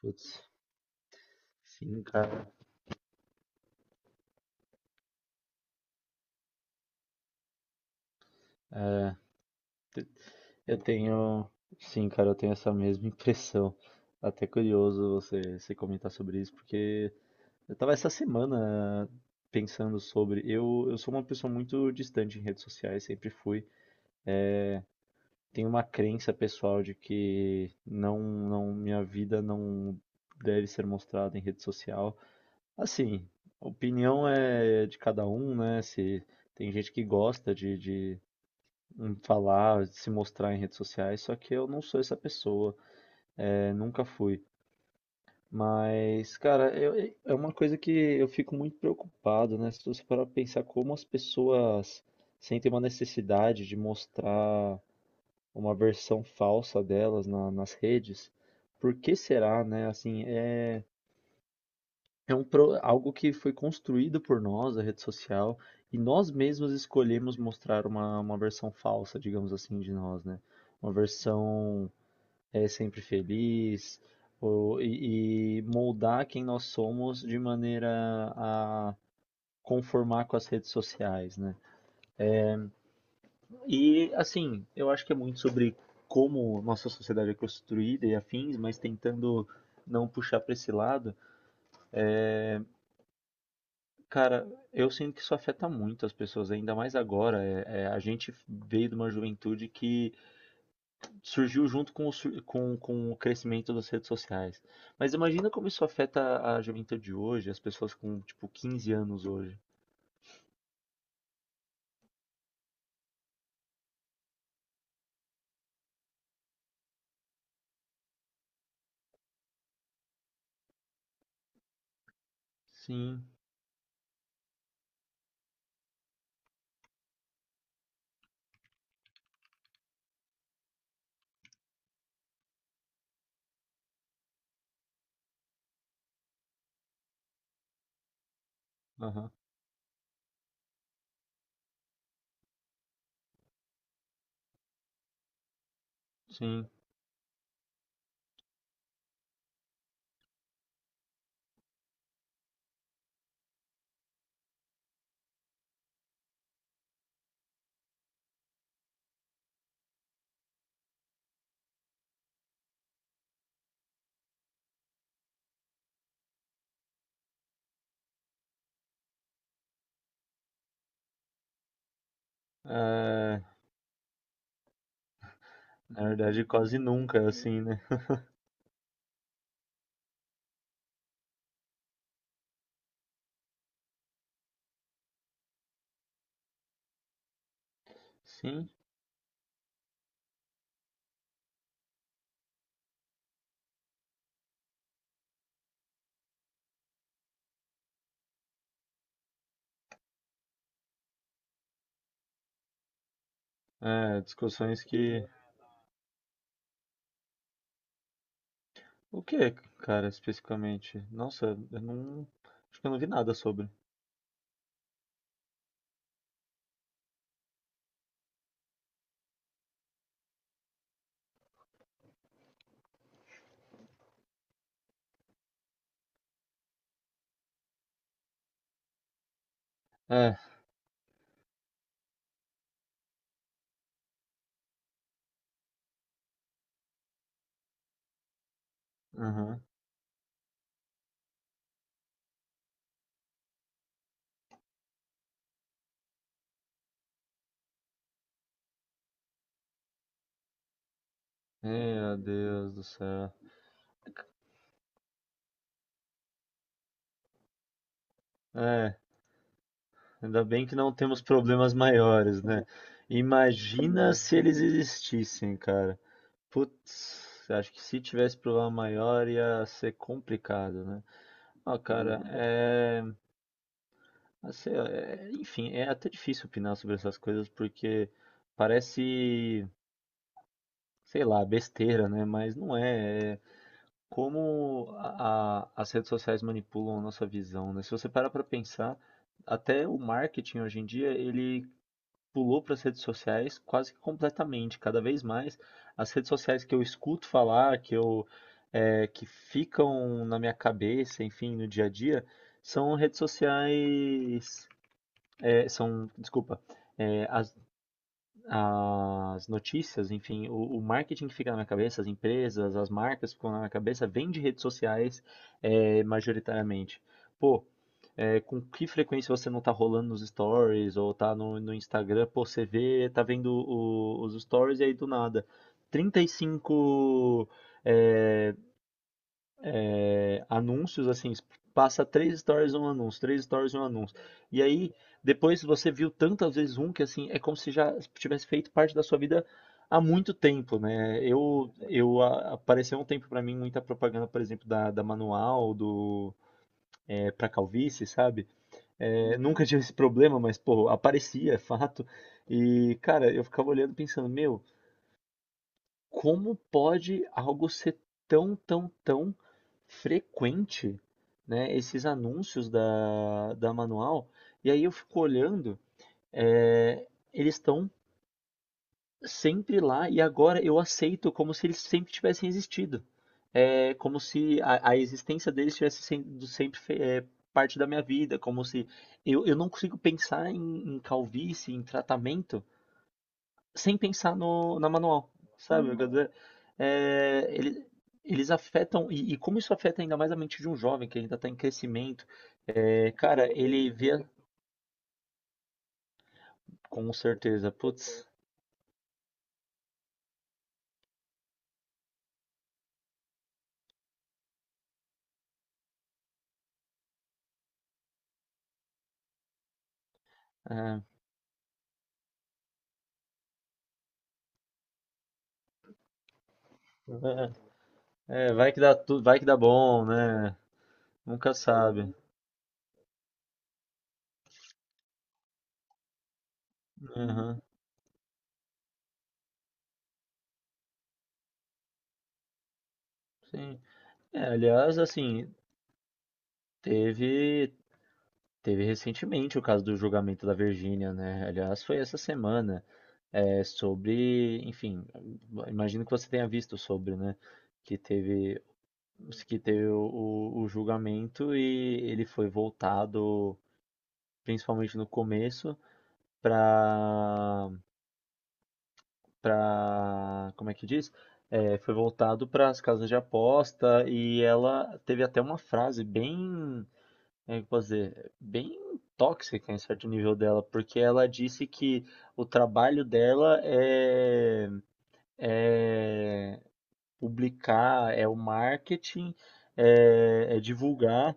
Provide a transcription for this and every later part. Putz, sim, cara. Eu tenho. Sim, cara, eu tenho essa mesma impressão. Até curioso você comentar sobre isso, porque eu tava essa semana pensando sobre. Eu sou uma pessoa muito distante em redes sociais, sempre fui. Tenho uma crença pessoal de que minha vida não deve ser mostrada em rede social. Assim, a opinião é de cada um, né? Se tem gente que gosta de em falar, se mostrar em redes sociais, só que eu não sou essa pessoa, nunca fui. Mas, cara, é uma coisa que eu fico muito preocupado, né? Se você parar pra pensar como as pessoas sentem uma necessidade de mostrar uma versão falsa delas nas redes, por que será, né? Algo que foi construído por nós, a rede social, e nós mesmos escolhemos mostrar uma versão falsa, digamos assim, de nós, né? Uma versão sempre feliz, e moldar quem nós somos de maneira a conformar com as redes sociais, né? E assim, eu acho que é muito sobre como nossa sociedade é construída e afins, mas tentando não puxar para esse lado. Cara, eu sinto que isso afeta muito as pessoas, ainda mais agora. A gente veio de uma juventude que surgiu junto com com o crescimento das redes sociais. Mas imagina como isso afeta a juventude de hoje, as pessoas com, tipo, 15 anos hoje. Sim, aham, sim. É, na verdade, quase nunca, é assim, né? Sim, é, discussões que... O que, cara, especificamente? Nossa, eu não... Acho que eu não vi nada sobre. É, aham. Meu Deus do céu. É, Ainda bem que não temos problemas maiores, né? Imagina se eles existissem, cara. Putz, acho que se tivesse problema maior ia ser complicado, né? Ó, cara, assim, ó, enfim, é até difícil opinar sobre essas coisas porque parece, sei lá, besteira, né? Mas não é. É como as redes sociais manipulam a nossa visão, né? Se você parar pra pensar, até o marketing hoje em dia, ele pulou para as redes sociais quase que completamente. Cada vez mais, as redes sociais que eu escuto falar, que que ficam na minha cabeça, enfim, no dia a dia, são redes sociais, é, são, desculpa, é, as notícias, enfim, o marketing que fica na minha cabeça, as empresas, as marcas que ficam na minha cabeça, vem de redes sociais, é, majoritariamente. Pô, é, com que frequência você não tá rolando nos stories ou tá no Instagram, pô, você vê, tá vendo os stories e aí do nada, 35 é, anúncios, assim, passa três stories um anúncio, três stories um anúncio. E aí, depois você viu tantas vezes um que, assim, é como se já tivesse feito parte da sua vida há muito tempo, né? Apareceu um tempo pra mim muita propaganda, por exemplo, da Manual, do para calvície, sabe? É, nunca tive esse problema, mas pô, aparecia, é fato. E cara, eu ficava olhando pensando, meu, como pode algo ser tão frequente, né? Esses anúncios da Manual. E aí eu fico olhando, é, eles estão sempre lá e agora eu aceito como se eles sempre tivessem existido. É como se a existência deles tivesse sendo parte da minha vida, como se eu não consigo pensar em, em calvície, em tratamento, sem pensar no, na manual, sabe? Eu Uhum. quero dizer? É, ele- Eles afetam, e como isso afeta ainda mais a mente de um jovem que ainda está em crescimento, é, cara, ele vê com certeza, putz, é, vai que dá tudo, vai que dá bom, né? Nunca sabe. Uhum, sim. É, aliás, assim, teve, teve recentemente o caso do julgamento da Virgínia, né? Aliás, foi essa semana. É, sobre, enfim, imagino que você tenha visto sobre, né? Que teve, que teve o julgamento e ele foi voltado, principalmente no começo, para, para, como é que diz? É, foi voltado para as casas de aposta e ela teve até uma frase bem, como é que eu posso dizer, bem tóxica em certo nível dela, porque ela disse que o trabalho dela é publicar, é o marketing, é divulgar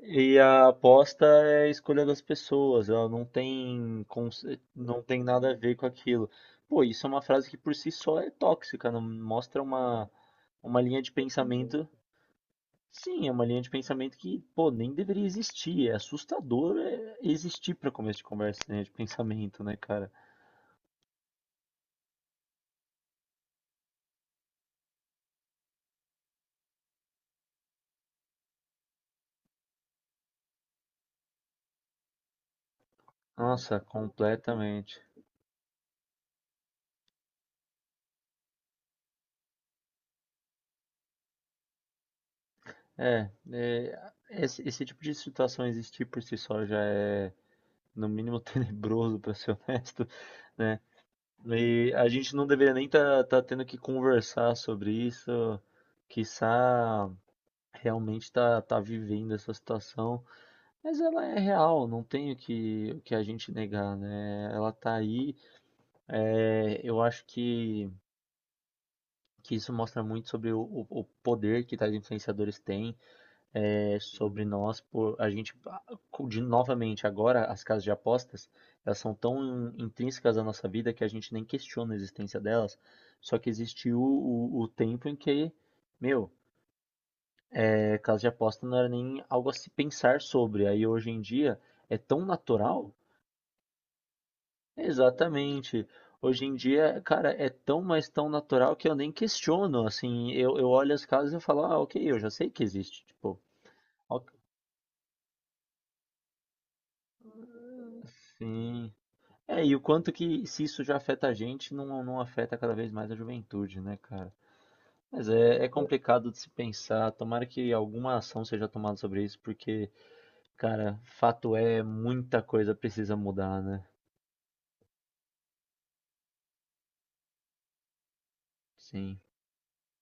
e a aposta é a escolha das pessoas, ela não tem, não tem nada a ver com aquilo. Pô, isso é uma frase que por si só é tóxica, não mostra uma linha de pensamento. Sim, é uma linha de pensamento que, pô, nem deveria existir. É assustador existir para começo de conversa, linha de pensamento, né, cara? Nossa, completamente. Esse tipo de situação existir por si só já é, no mínimo, tenebroso, para ser honesto, né? E a gente não deveria nem estar tá tendo que conversar sobre isso, quiçá realmente tá vivendo essa situação, mas ela é real, não tem o que a gente negar, né? Ela tá aí, é, eu acho que isso mostra muito sobre o poder que tais influenciadores têm é, sobre nós por a gente de novamente agora as casas de apostas elas são tão intrínsecas à nossa vida que a gente nem questiona a existência delas só que existiu o tempo em que meu é, casa de aposta não era nem algo a se pensar sobre aí hoje em dia é tão natural exatamente hoje em dia cara é tão mas tão natural que eu nem questiono assim eu olho as casas e eu falo ah ok eu já sei que existe tipo ok, sim. É, e o quanto que se isso já afeta a gente, não afeta cada vez mais a juventude, né, cara? Mas é complicado de se pensar. Tomara que alguma ação seja tomada sobre isso, porque, cara, fato é, muita coisa precisa mudar, né? Sim.